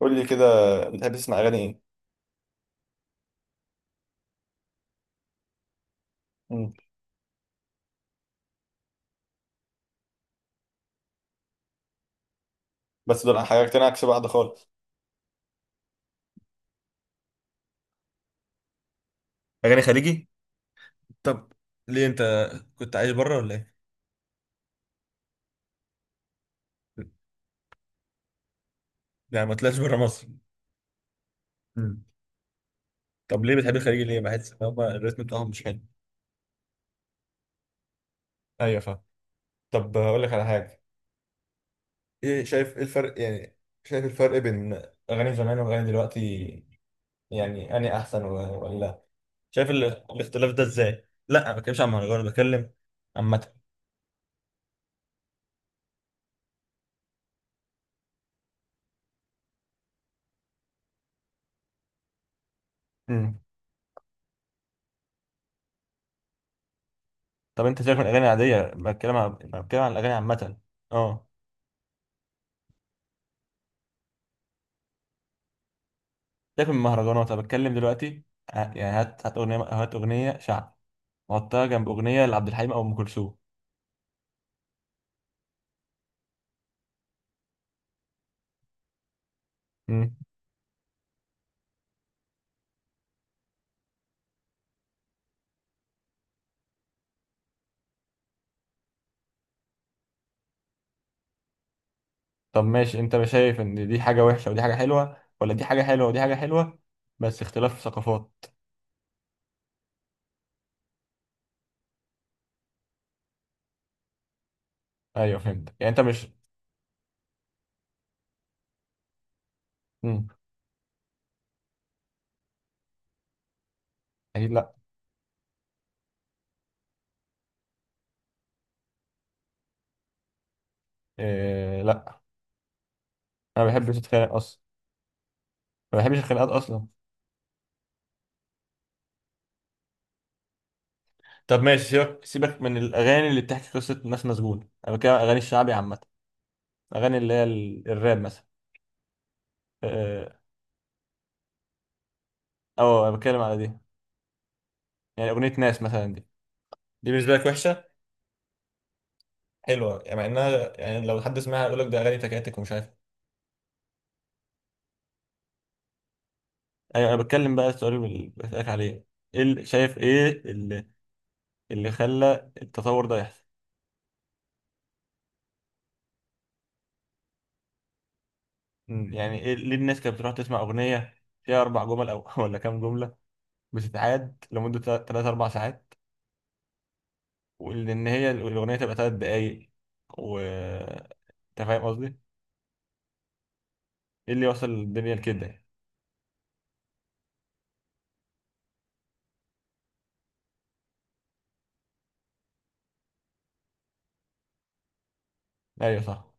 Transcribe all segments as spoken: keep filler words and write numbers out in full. قول لي كده، بتحب تسمع اغاني ايه؟ مم. بس دول حاجتين عكس بعض خالص. اغاني خليجي. طب، ليه انت كنت عايش بره ولا ايه؟ يعني ما طلعتش بره مصر؟ مم. طب، ليه بتحب الخليجي؟ ليه بحس ان هم الريتم بتاعهم مش حلو؟ ايوه فاهم. طب هقول لك على حاجه. ايه، شايف ايه الفرق يعني؟ شايف الفرق بين اغاني زمان واغاني دلوقتي؟ يعني اني احسن و- ولا؟ شايف ال- الاختلاف ده ازاي؟ لا، ما بتكلمش عن مهرجان، بتكلم عامه. طب انت سيبك من الاغاني العاديه، بتكلم عن بتكلم عن الاغاني عامه. اه، سيبك من المهرجانات، انا بتكلم دلوقتي. ه- يعني، هات هات اغنيه هات اغنيه شعب وحطها جنب اغنيه لعبد الحليم او ام كلثوم. مم. طب ماشي، انت مش شايف ان دي حاجه وحشه ودي حاجه حلوه، ولا دي حاجه حلوه ودي حاجه حلوه، بس اختلاف ثقافات؟ ايوه فهمت. يعني انت مش... مم. اكيد لا. إيه، لا، انا ما بحبش اتخانق اصلا. ما بحبش الخناقات اصلا. طب ماشي، سيبك سيبك من الاغاني اللي بتحكي قصه ناس مسجونه، انا بتكلم عن اغاني الشعبي عامه. اغاني اللي هي ال- الراب مثلا. اه. آه، انا بتكلم على دي. يعني اغنيه ناس مثلا دي. دي بالنسبه لك وحشه؟ حلوه يعني؟ مع انها، يعني، لو حد سمعها يقول لك ده اغاني تكاتك ومش عارف إيه. ايوه، انا بتكلم بقى، السؤال اللي بسالك عليه، ايه اللي- شايف ايه اللي اللي خلى التطور ده يحصل. مم، يعني، ايه، ليه الناس كانت بتروح تسمع اغنيه فيها اربع جمل او ولا كام جمله، بتتعاد لمده ثلاث اربع ساعات، وان هي الاغنيه تبقى ثلاث دقايق؟ و انت فاهم قصدي. ايه اللي وصل الدنيا لكده يعني؟ ايوه صح.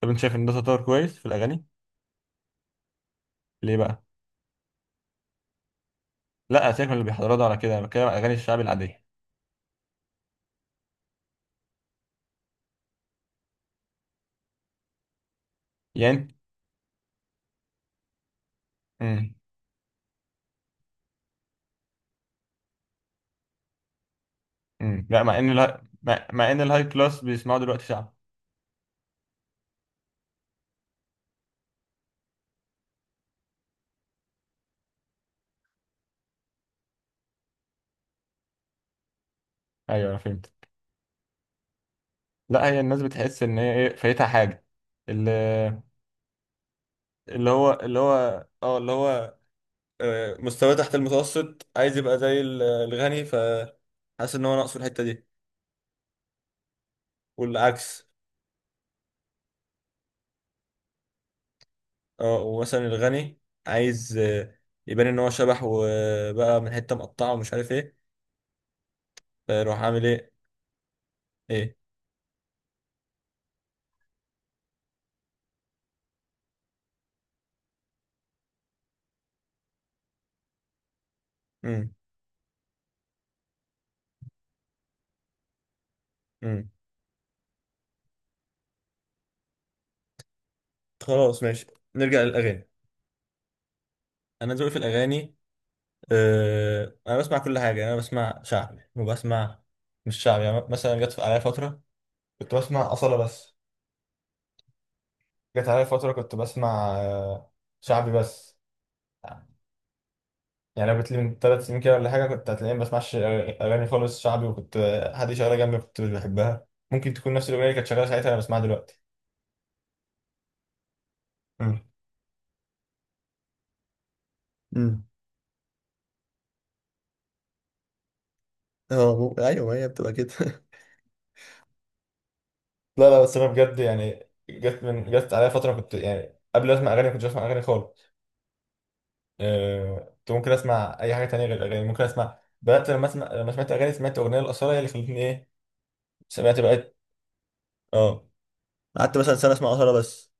طب انت شايف ان ده تطور كويس في الاغاني؟ ليه بقى؟ لا، سيبك من اللي بيحضروا ده ولا كده، انا بتكلم على اغاني الشعب العاديه. يعني. امم. امم لا، مع ان لا مع, مع ان الهاي كلاس بيسمعوا دلوقتي شعب. ايوه انا فهمت. لا، هي الناس بتحس ان هي، ايه، فايتها حاجه. اللي... اللي هو اللي هو اه اللي هو آه، مستواه تحت المتوسط، عايز يبقى زي ال- الغني، فحاسس ان هو ناقصه الحته دي. والعكس. اه، ومثلا الغني عايز آه، يبان ان هو شبح، وبقى من حته مقطعه ومش عارف ايه. فيروح عامل ايه. ايه؟ امم. خلاص ماشي. نرجع للاغاني. انا ذوقي في الاغاني. آه انا بسمع كل حاجه. يعني انا بسمع شعبي وبسمع مش شعبي. يعني مثلا، جت عليا فتره كنت بسمع اصاله بس. جت عليا فتره كنت بسمع آه شعبي بس. يعني لو قلت لي من ثلاث سنين كده ولا حاجه، كنت هتلاقيني ما بسمعش اغاني خالص. شعبي، وكنت آه، حد شغاله جنبي كنت مش بحبها، ممكن تكون نفس الاغنيه اللي كانت شغاله ساعتها انا بسمعها دلوقتي. مم. امم. اه، مو- ايوه، هي بتبقى كده. لا، لا، بس انا بجد يعني، جت من جت عليا فتره، كنت يعني قبل ما اسمع اغاني ما كنتش اسمع اغاني خالص. أه كنت ممكن اسمع اي حاجه تانية غير الاغاني. ممكن اسمع بدات لما اسمع لما سمعت اغاني. سمعت اغنيه الاصاله هي اللي خلتني ايه، سمعت بقيت. اه. قعدت مثلا سنه اسمع اصاله بس.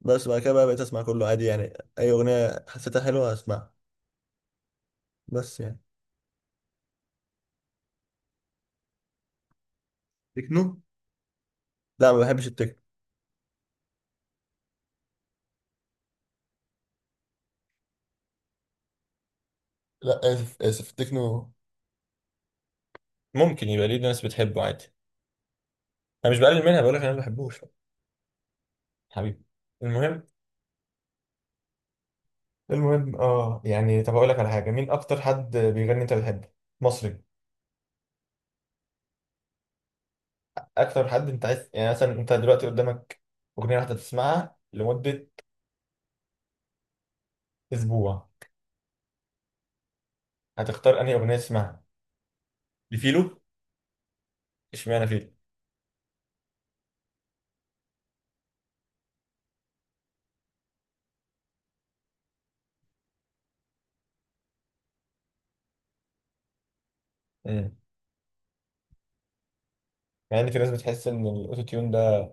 بس بعد كده بقى بقيت اسمع كله عادي يعني. اي اغنيه حسيتها حلوه اسمعها. بس يعني. تكنو؟ لا، ما بحبش التكنو. لا، اسف اسف، التكنو. ممكن يبقى، ليه ناس بتحبه عادي. انا مش بقلل منها، بقول لك انا ما بحبوش. حبيبي. المهم. المهم، اه يعني، طب اقول لك على حاجه، مين اكتر حد بيغني انت بتحبه؟ مصري. اكتر حد انت عايز، يعني مثلا، انت دلوقتي قدامك اغنيه واحده تسمعها لمده اسبوع، هتختار انهي اغنيه تسمعها؟ لفيلو. اشمعنى فيلو؟ امم. مع ان في ناس بتحس ان الاوتو تيون ده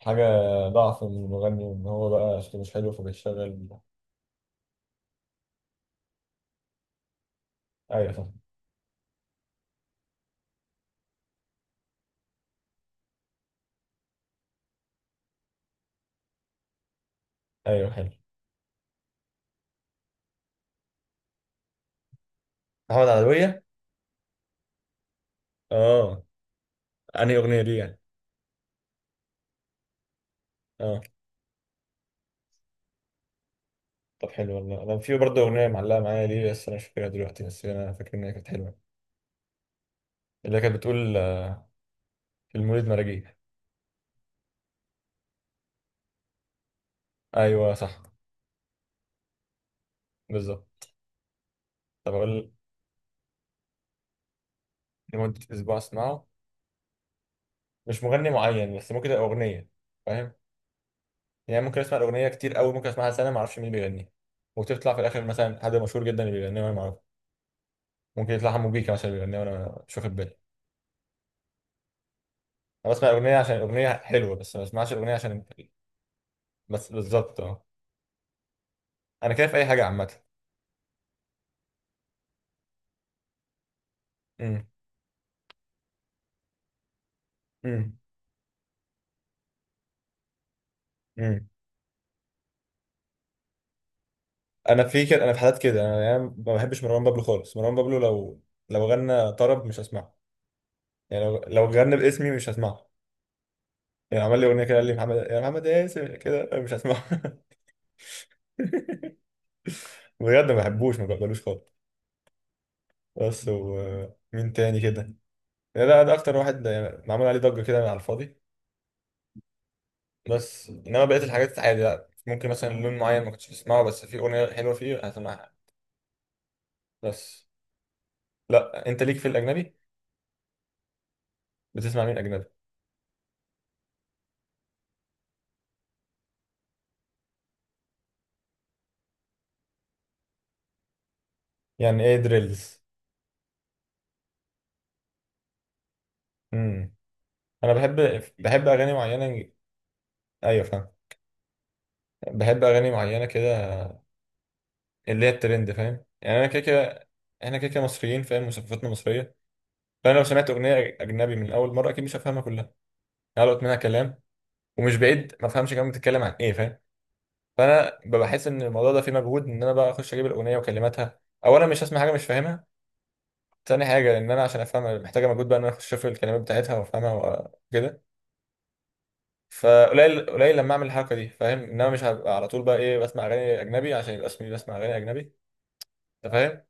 حاجه، ضعف من المغني وان هو بقى صوته مش حلو فبيشتغل. ايوه صح. ايوه حلو. محمد عدويه. اه. انهي اغنيه؟ ليه يعني؟ اه. طب حلو والله. انا في برضه اغنيه معلقه معايا، ليه بس انا مش فاكرها دلوقتي، بس انا فاكر ان هي كانت حلوه. اللي كانت بتقول آه، في المولد مراجيح. ايوه صح. بالظبط. طب اقول لمده اسبوع اسمعه. مش مغني معين بس، ممكن تبقى اغنيه. فاهم يعني؟ ممكن اسمع الاغنيه كتير قوي، ممكن اسمعها سنه ما اعرفش مين بيغنيها، وتطلع في الاخر مثلا حد مشهور جدا اللي بيغنيها وانا ما اعرفه. ممكن يطلع حمو بيكا مثلا بيغنيها وانا مش واخد بالي. انا بسمع الاغنيه عشان الاغنيه حلوه، بس ما بسمعش الاغنيه عشان... بس بالظبط، اه. انا كده في اي حاجه عامه. امم. امم. امم. انا في كده انا في حالات كده. انا يعني ما بحبش مروان بابلو خالص. مروان بابلو لو لو غنى طرب مش هسمعه. يعني لو لو غنى باسمي مش هسمعه. يعني عمل لي اغنيه كده، قال لي محمد يا محمد اسم، كده مش هسمعه. بجد ما بحبوش ما بقبلوش خالص. بس ومين تاني كده؟ لا، ده ده اكتر واحد يعني، معمول عليه ضجه كده على الفاضي. بس انما بقيه الحاجات عادي، لا ممكن مثلا لون معين ما كنتش بسمعه، بس في اغنيه حلوه فيه هسمعها. بس. لا، انت ليك في الاجنبي. بتسمع مين اجنبي؟ يعني ايه دريلز؟ امم. انا بحب. بحب اغاني معينه. ايوه فاهم. بحب اغاني معينه كده، اللي هي الترند. فاهم يعني؟ انا كده كده، احنا كده كده مصريين، فاهم؟ وثقافتنا مصريه. فانا لو سمعت اغنيه اجنبي من اول مره، اكيد مش هفهمها كلها. هلقط منها كلام. ومش بعيد ما افهمش كمان بتتكلم عن ايه، فاهم؟ فانا ببقى حاسس ان الموضوع ده فيه مجهود، ان انا بقى اخش اجيب الاغنيه وكلماتها. اولا، مش هسمع حاجه مش فاهمها. تاني حاجه، ان انا عشان افهمها محتاجه مجهود بقى، ان انا اخش اشوف الكلمات بتاعتها وافهمها. وكده. فقليل قليل لما اعمل الحركه دي، فاهم ان انا مش هبقى على طول بقى، ايه، بسمع اغاني اجنبي عشان يبقى اسمي بسمع اغاني اجنبي. انت فاهم؟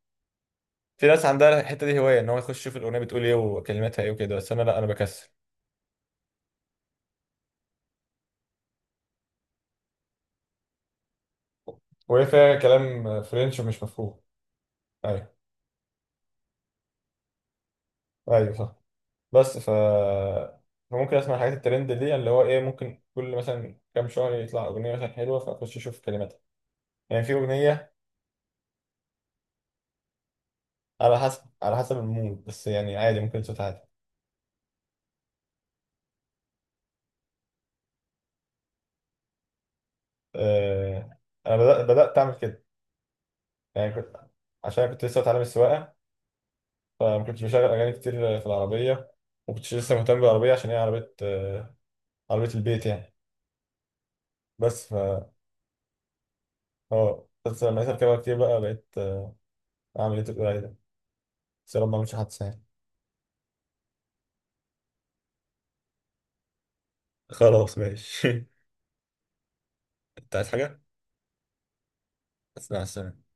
في ناس عندها الحته دي هوايه، ان هو يخش يشوف الاغنيه بتقول ايه وكلماتها ايه وكده، بس انا لا، انا بكسل. وهي فيها كلام فرنش مش مفهوم. ايوه. ايوه صح. بس ف... فممكن اسمع حاجات الترند دي، اللي هو ايه، ممكن كل مثلا كام شهر يطلع اغنيه مثلا حلوه فاخش اشوف كلماتها. يعني في اغنيه. على حسب على حسب المود. بس يعني عادي، ممكن صوت عادي. أه... انا بدأت بدأت اعمل كده. يعني كنت، عشان كنت لسه بتعلم السواقه، فما كنتش بشغل اغاني كتير في العربيه. ما كنتش لسه مهتم بالعربيه عشان هي عربيه، آه، عربية البيت يعني. بس ف... اه، بس لما لقيت اركبها كتير بقى، بقيت آه، اعمل ايه تقول عليه ده. بس يا رب ما اعملش حادثة يعني. خلاص ماشي. انت عايز حاجة؟ بس مع السلامة.